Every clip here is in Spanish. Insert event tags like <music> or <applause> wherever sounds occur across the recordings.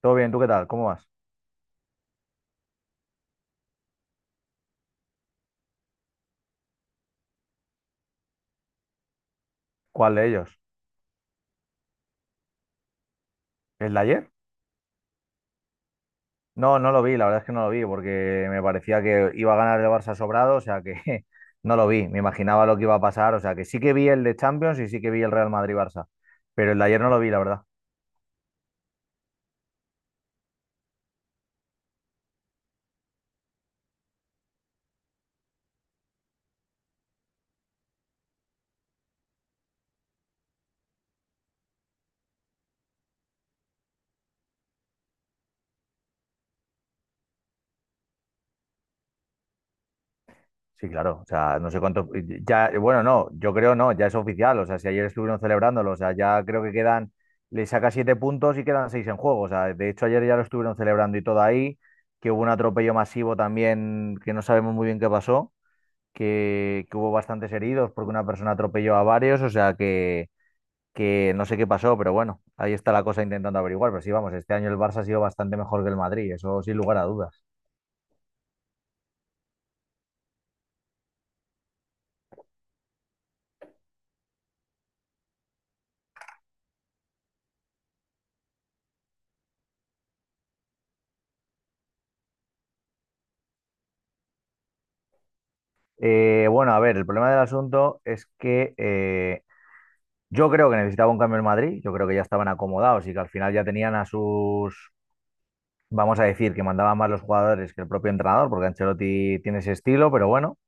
Todo bien, ¿tú qué tal? ¿Cómo vas? ¿Cuál de ellos? ¿El de ayer? No, no lo vi, la verdad es que no lo vi porque me parecía que iba a ganar el Barça sobrado, o sea que <laughs> no lo vi, me imaginaba lo que iba a pasar, o sea que sí que vi el de Champions y sí que vi el Real Madrid-Barça, pero el de ayer no lo vi, la verdad. Sí, claro, o sea, no sé cuánto, ya, bueno, no, yo creo no, ya es oficial, o sea, si ayer estuvieron celebrándolo, o sea, ya creo que quedan, le saca 7 puntos y quedan 6 en juego, o sea, de hecho ayer ya lo estuvieron celebrando y todo ahí, que hubo un atropello masivo también que no sabemos muy bien qué pasó que hubo bastantes heridos porque una persona atropelló a varios, o sea que no sé qué pasó, pero bueno, ahí está la cosa intentando averiguar. Pero sí, vamos, este año el Barça ha sido bastante mejor que el Madrid, eso sin lugar a dudas. Bueno, a ver, el problema del asunto es que yo creo que necesitaba un cambio en Madrid, yo creo que ya estaban acomodados y que al final ya tenían a sus, vamos a decir, que mandaban más los jugadores que el propio entrenador, porque Ancelotti tiene ese estilo, pero bueno.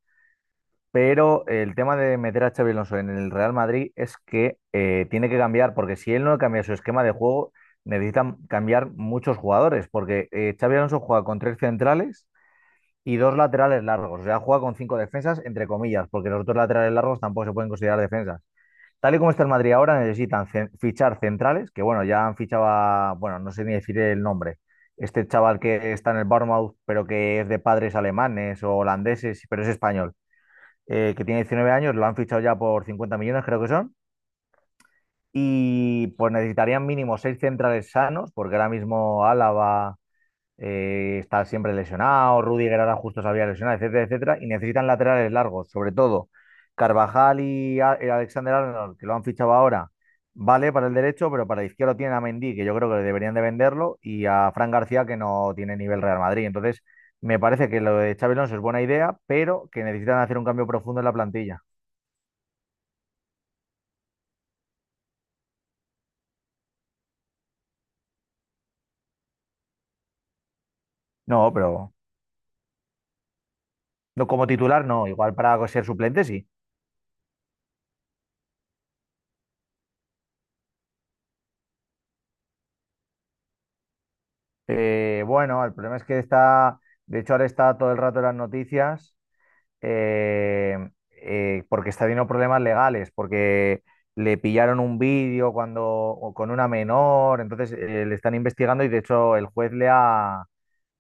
Pero el tema de meter a Xabi Alonso en el Real Madrid es que tiene que cambiar, porque si él no cambia su esquema de juego, necesitan cambiar muchos jugadores, porque Xabi Alonso juega con tres centrales y dos laterales largos, o sea, juega con cinco defensas, entre comillas, porque los dos laterales largos tampoco se pueden considerar defensas. Tal y como está el Madrid ahora, necesitan fichar centrales, que bueno, ya han fichado a, bueno, no sé ni decir el nombre, este chaval que está en el Bournemouth, pero que es de padres alemanes o holandeses, pero es español, que tiene 19 años, lo han fichado ya por 50 millones, creo que son. Y pues necesitarían mínimo seis centrales sanos, porque ahora mismo Álava está siempre lesionado, Rudiger ahora justo se había lesionado, etcétera, etcétera. Y necesitan laterales largos, sobre todo Carvajal y Alexander Arnold, que lo han fichado ahora, vale para el derecho, pero para el izquierdo tienen a Mendy, que yo creo que deberían de venderlo, y a Fran García, que no tiene nivel Real Madrid. Entonces, me parece que lo de Xabi Alonso es buena idea, pero que necesitan hacer un cambio profundo en la plantilla. No, pero no como titular, no. Igual para ser suplente, sí. Bueno, el problema es que está, de hecho, ahora está todo el rato en las noticias eh, porque está teniendo problemas legales, porque le pillaron un vídeo cuando o con una menor, entonces le están investigando y de hecho el juez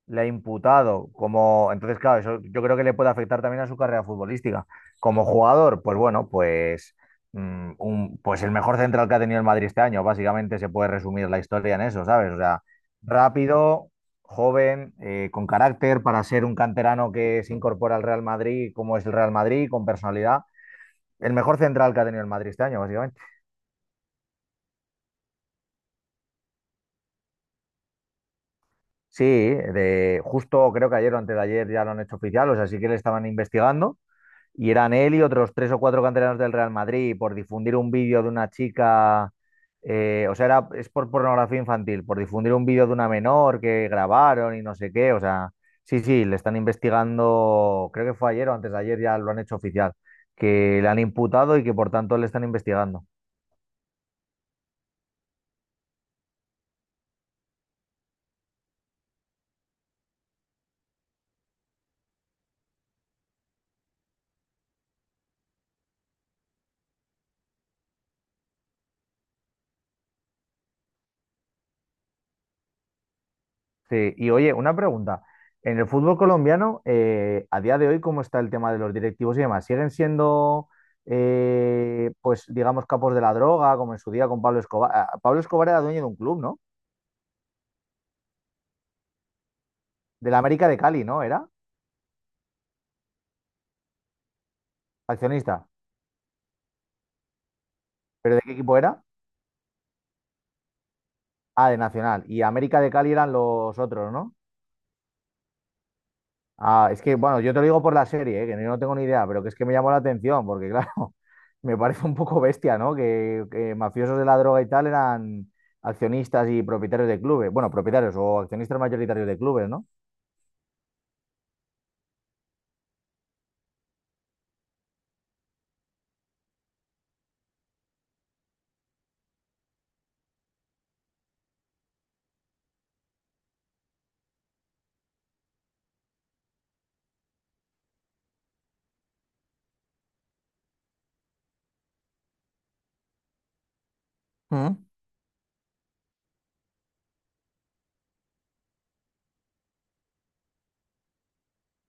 le ha imputado como, entonces, claro, eso yo creo que le puede afectar también a su carrera futbolística. Como jugador, pues bueno, pues, pues el mejor central que ha tenido el Madrid este año, básicamente se puede resumir la historia en eso, ¿sabes? O sea, rápido, joven, con carácter para ser un canterano que se incorpora al Real Madrid, como es el Real Madrid, con personalidad. El mejor central que ha tenido el Madrid este año, básicamente. Sí, de justo creo que ayer o antes de ayer ya lo han hecho oficial, o sea, sí que le estaban investigando. Y eran él y otros tres o cuatro canteranos del Real Madrid por difundir un vídeo de una chica, o sea, era, es por pornografía infantil, por difundir un vídeo de una menor que grabaron y no sé qué, o sea, sí, sí, le están investigando, creo que fue ayer o antes de ayer ya lo han hecho oficial, que le han imputado y que por tanto le están investigando. Sí, y oye, una pregunta. En el fútbol colombiano, a día de hoy, ¿cómo está el tema de los directivos y demás? ¿Siguen siendo, pues, digamos, capos de la droga, como en su día con Pablo Escobar? Ah, Pablo Escobar era dueño de un club, ¿no? Del América de Cali, ¿no? Era accionista. ¿Pero de qué equipo era? Ah, de Nacional. Y América de Cali eran los otros, ¿no? Ah, es que, bueno, yo te lo digo por la serie, ¿eh? Que yo no tengo ni idea, pero que es que me llamó la atención, porque claro, <laughs> me parece un poco bestia, ¿no? Que mafiosos de la droga y tal eran accionistas y propietarios de clubes. Bueno, propietarios o accionistas mayoritarios de clubes, ¿no? Mm,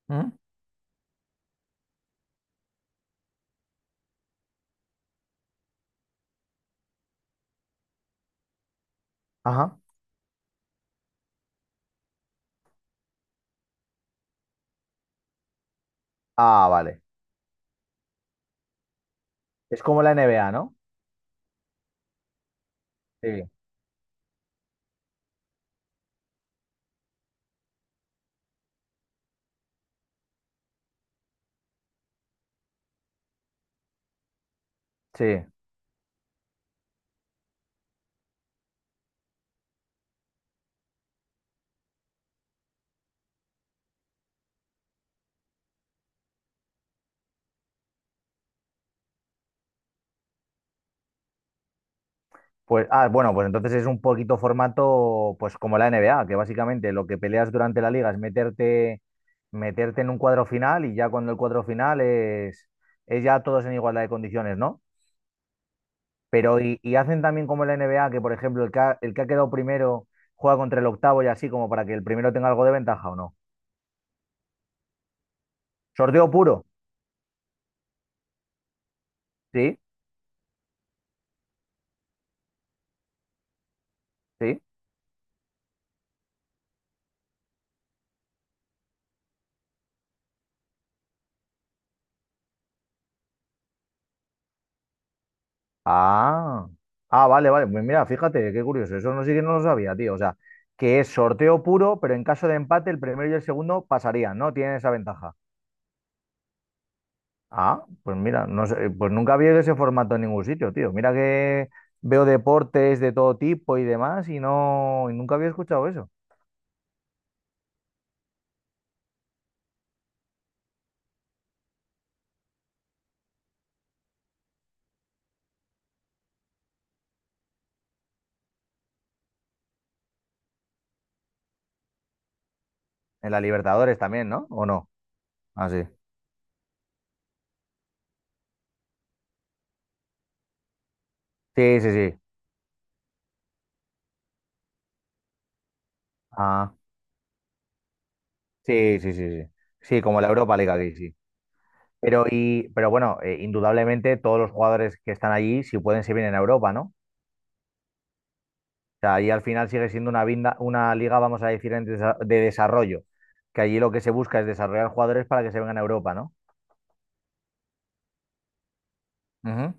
mm. Ajá. Ah, vale. Es como la NBA, ¿no? Sí. Sí. Pues, ah, bueno, pues entonces es un poquito formato, pues como la NBA, que básicamente lo que peleas durante la liga es meterte, meterte en un cuadro final y ya cuando el cuadro final es ya todos en igualdad de condiciones, ¿no? Pero y hacen también como la NBA, que por ejemplo el que ha quedado primero juega contra el octavo y así como para que el primero tenga algo de ventaja o no. Sorteo puro, sí, sí. Ah, ah, vale, vale. Pues mira, fíjate, qué curioso. Eso no sí que no lo sabía, tío. O sea, que es sorteo puro, pero en caso de empate, el primero y el segundo pasarían, ¿no? Tienen esa ventaja. Ah, pues mira, no sé, pues nunca había ese formato en ningún sitio, tío. Mira que veo deportes de todo tipo y demás, y no, y nunca había escuchado eso. En la Libertadores también, ¿no? ¿O no? Ah, sí. Sí, sí, sí. Ah, sí, sí, sí, sí. Sí, como la Europa League aquí, sí. Pero, y, pero bueno, indudablemente todos los jugadores que están allí, si pueden, se vienen a Europa, ¿no? O sea, ahí al final sigue siendo una, una liga, vamos a decir, en de desarrollo, que allí lo que se busca es desarrollar jugadores para que se vengan a Europa, ¿no? Ujú.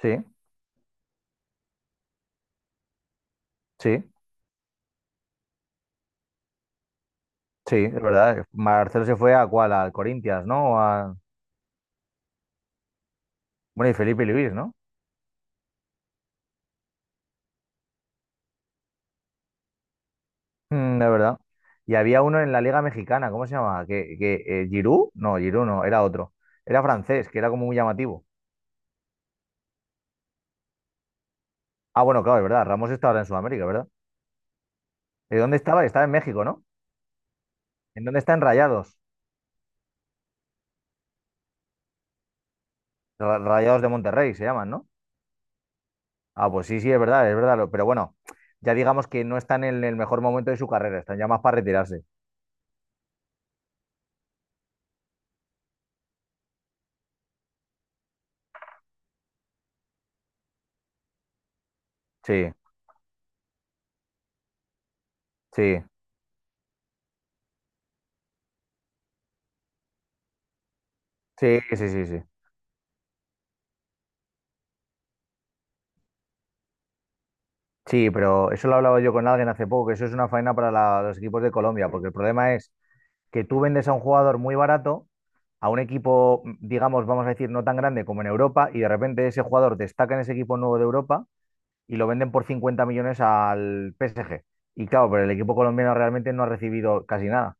Sí, sí, sí, es verdad. Marcelo se fue a cuál, al Corinthians, ¿no? A- Bueno, y Felipe Luis, ¿no? Mm, es verdad. Y había uno en la Liga Mexicana, ¿cómo se llamaba? Que, Giroud? No, Giroud no, era otro. Era francés, que era como muy llamativo. Ah, bueno, claro, es verdad. Ramos está ahora en Sudamérica, ¿verdad? ¿De dónde estaba? Estaba en México, ¿no? ¿En dónde están Rayados? Rayados de Monterrey se llaman, ¿no? Ah, pues sí, sí, es verdad, es verdad. Pero bueno, ya digamos que no están en el mejor momento de su carrera, están ya más para retirarse. Sí, sí, sí, sí, sí, sí. Sí, pero eso lo hablaba yo con alguien hace poco, que eso es una faena para los equipos de Colombia, porque el problema es que tú vendes a un jugador muy barato, a un equipo, digamos, vamos a decir, no tan grande como en Europa, y de repente ese jugador destaca en ese equipo nuevo de Europa y lo venden por 50 millones al PSG. Y claro, pero el equipo colombiano realmente no ha recibido casi nada.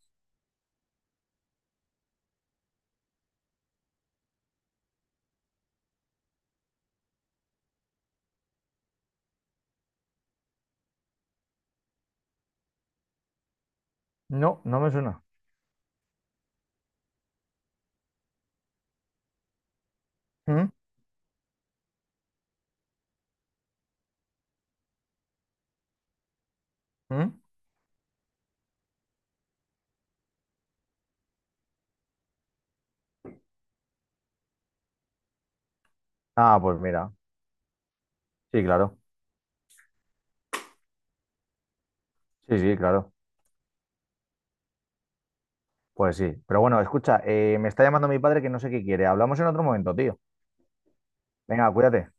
No, no me suena. ¿Mm? ¿Mm? Ah, pues mira, sí, claro. Sí, sí, claro. Pues sí. Pero bueno, escucha, me está llamando mi padre que no sé qué quiere. Hablamos en otro momento, tío. Venga, cuídate.